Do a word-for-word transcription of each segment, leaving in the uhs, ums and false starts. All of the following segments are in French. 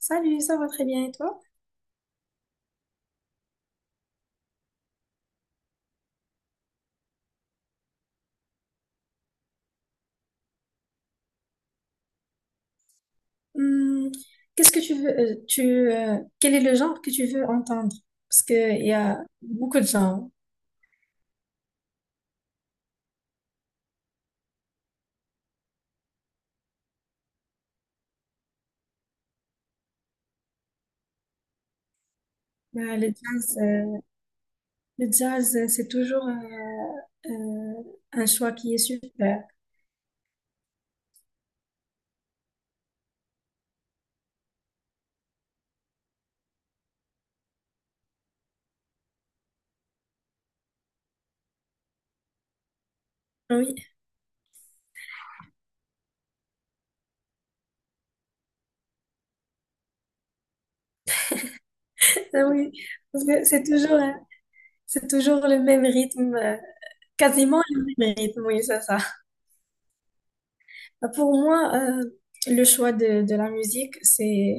Salut, ça va très bien et toi? Hum, Qu'est-ce que tu veux, euh, tu, euh, quel est le genre que tu veux entendre? Parce qu'il y a beaucoup de genres. Bah, le jazz, euh, le jazz, euh, c'est toujours euh, euh, un choix qui est super. Oui, ah oui, parce que c'est toujours, euh, c'est toujours le même rythme, euh, quasiment le même rythme, oui, c'est ça. Bah, Pour moi, euh, le choix de, de la musique, c'est,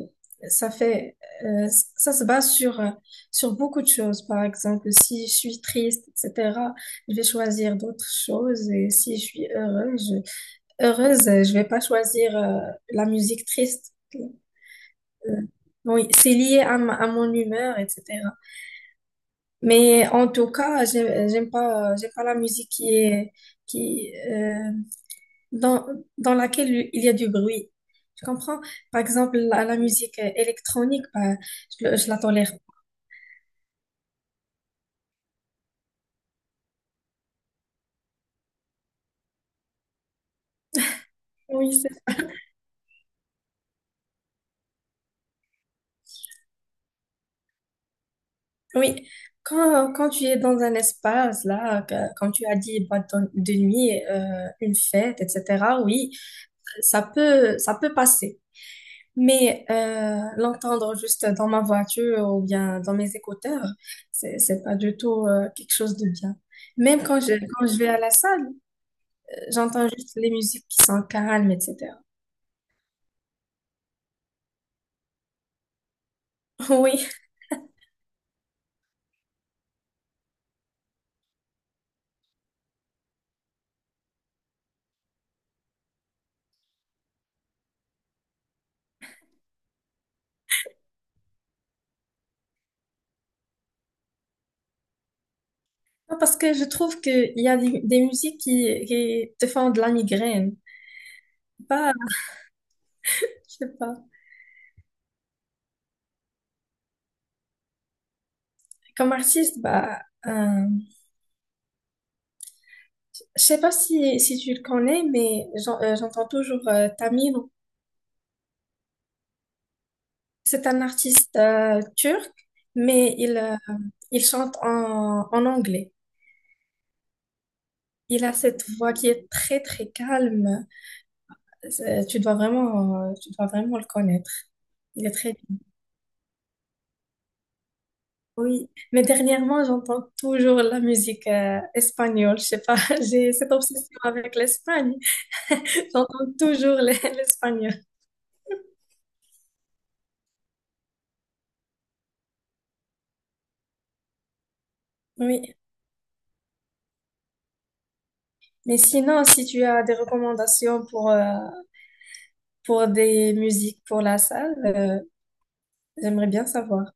ça fait, euh, ça se base sur, euh, sur beaucoup de choses. Par exemple, si je suis triste, et cetera, je vais choisir d'autres choses. Et si je suis heureuse, je, heureuse, euh, je vais pas choisir, euh, la musique triste. Euh, oui, c'est lié à, ma- à mon humeur, et cetera. Mais en tout cas, j'aime, j'aime pas, j'aime pas la musique qui est, qui, euh, dans, dans laquelle il y a du bruit. Tu comprends? Par exemple, la, la musique euh, électronique, bah, je, le- je la tolère. Oui, c'est- oui. Quand, quand tu es dans un espace, là, que- comme tu as dit, boîte de de nuit, euh, une fête, et cetera, oui, ça peut, ça peut passer. Mais euh, l'entendre juste dans ma voiture ou bien dans mes écouteurs, c'est, c'est pas du tout euh, quelque chose de bien. Même quand je, quand je vais à la salle, j'entends juste les musiques qui sont calmes, et cetera Oui, Non, parce que je trouve qu'il y a des, des musiques qui, qui te font de la migraine. Bah, je sais pas. Comme artiste, bah, euh, je sais pas si, si tu le connais, mais j'en- euh, j'entends toujours euh, Tamir. C'est un artiste euh, turc, mais il, euh, il chante en, en anglais. Il a cette voix qui est très, très calme. C'est- Tu dois vraiment, euh, tu dois vraiment le connaître. Il est très Oui, mais dernièrement, j'entends toujours la musique euh, espagnole. Je sais pas, j'ai cette obsession avec l'Espagne. J'entends toujours les- l'espagnol. Oui, mais sinon, si tu as des recommandations pour, euh, pour des musiques pour la salle, euh, j'aimerais bien savoir.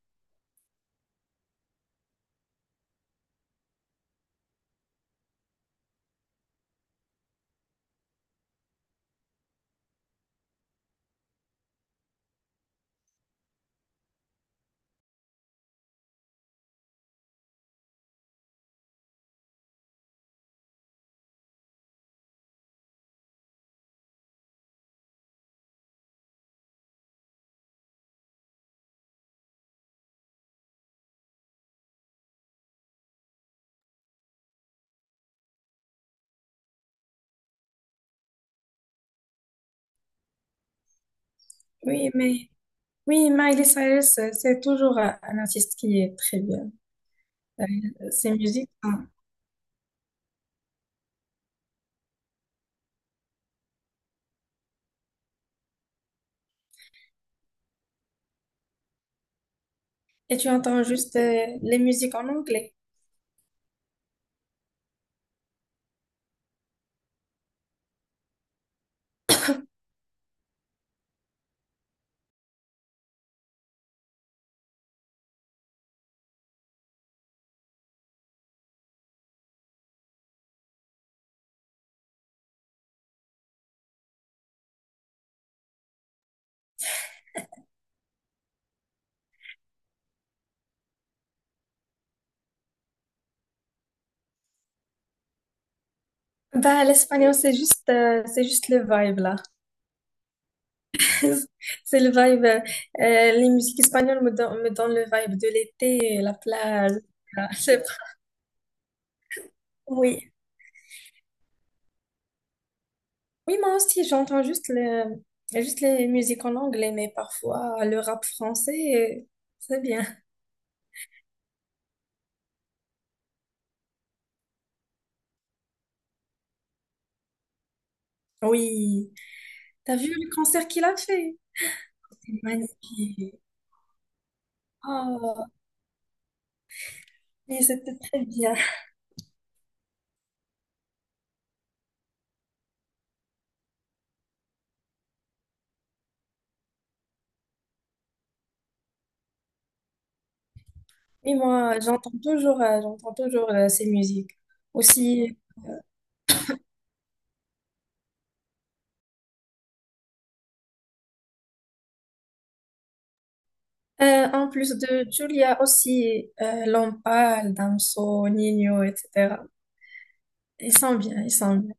Oui, mais oui, Miley Cyrus, euh, c'est toujours un un artiste qui est très bien. Euh, Ses musiques. hein. Et tu entends juste euh, les musiques en anglais. Bah, l'espagnol, c'est juste, euh, c'est juste le vibe là. C'est le vibe. euh, les musiques espagnoles me donnent, me donnent le vibe de l'été, la plage. Ah, c'est- Oui. Oui, moi aussi, j'entends juste, le, juste les musiques en anglais, mais parfois le rap français, euh, c'est bien. Oui. T'as vu le concert qu'il a fait? C'était magnifique. Oh, oui, c'était très bien. Oui, moi, j'entends toujours, euh, j'entends toujours euh, ces musiques. Aussi. Euh, en plus de Julia aussi, euh, Lampal, Damso, Nino, et cetera. Ils sont bien, ils sont bien.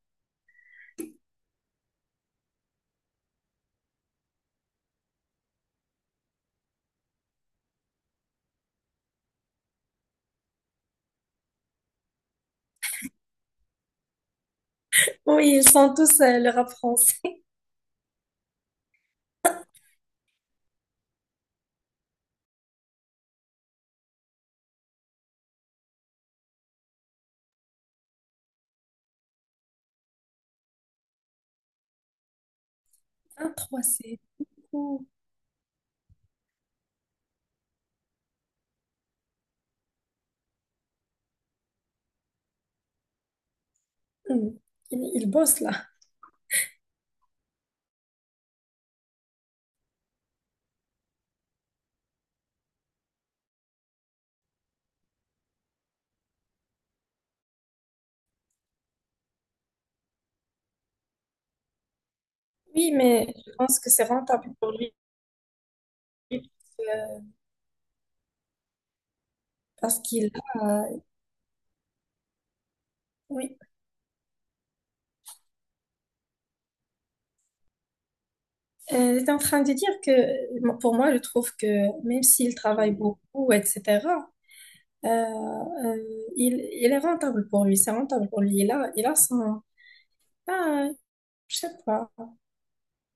Oui, ils sont tous euh, le rap français. Un trois, c'est cool. Hmm. Il, il bosse là. Oui, mais je pense que c'est rentable pour lui euh, parce qu'il a... Oui. Euh, j'étais en train de dire que moi, pour moi, je trouve que même s'il travaille beaucoup, et cetera, euh, euh, il, il est rentable pour lui, c'est rentable pour lui. Il a, il a son... Ah, je sais pas.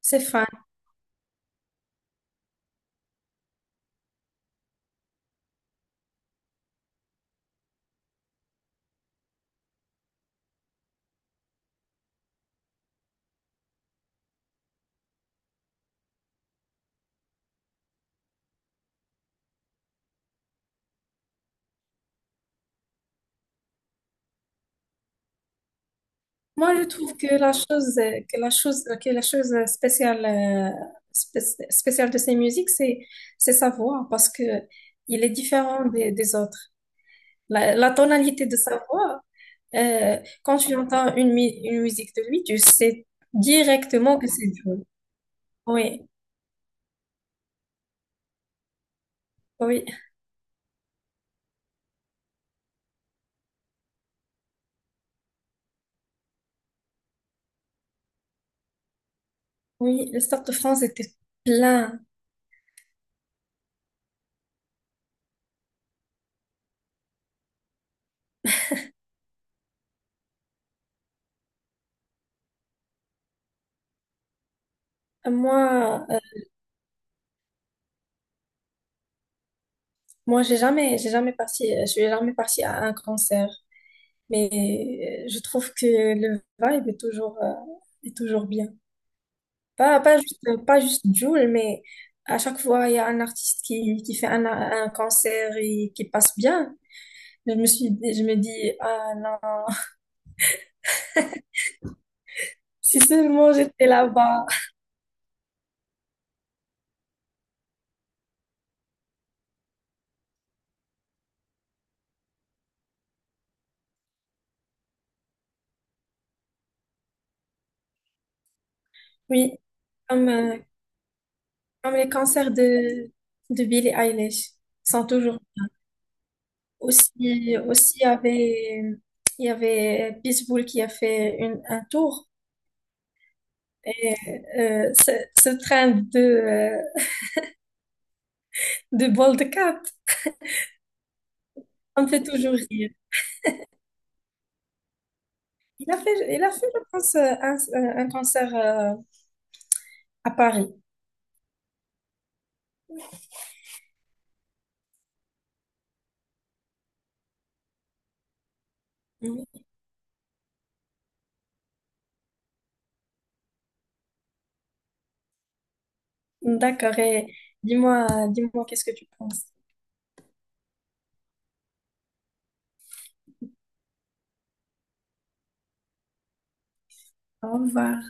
C'est fun. Moi, je trouve que la chose, euh, que la chose, que la chose spéciale, euh, spé- spéciale de ces musiques, c'est, c'est sa voix, parce que il est différent des, des autres. La, la tonalité de sa voix, euh, quand tu entends une, mi- une musique de lui, tu sais directement que c'est Jul. Oui, oui, oui. Le Stade de France était plein. Moi, euh, moi, j'ai jamais, j'ai jamais parti, je suis jamais partie à un concert. Mais euh, je trouve que le vibe est toujours, euh, est toujours bien. Pas, pas juste, pas juste Jul, mais à chaque fois, il y a un artiste qui, qui fait un, un concert et qui passe bien. Je me suis, dit- je me dis, ah non, si seulement j'étais là-bas. Oui, comme, euh, comme les concerts de, de Billie Eilish sont toujours aussi, aussi il y avait, il y avait Pitbull qui a fait une, un tour. Et euh, ce, ce train de, euh, de Ball Cat, on me fait toujours rire. Il a fait, il a fait, je pense, euh, un, euh, un concert euh, à Paris. Mhm. D'accord. Et dis-moi, dis-moi, qu'est-ce que tu penses? Au revoir.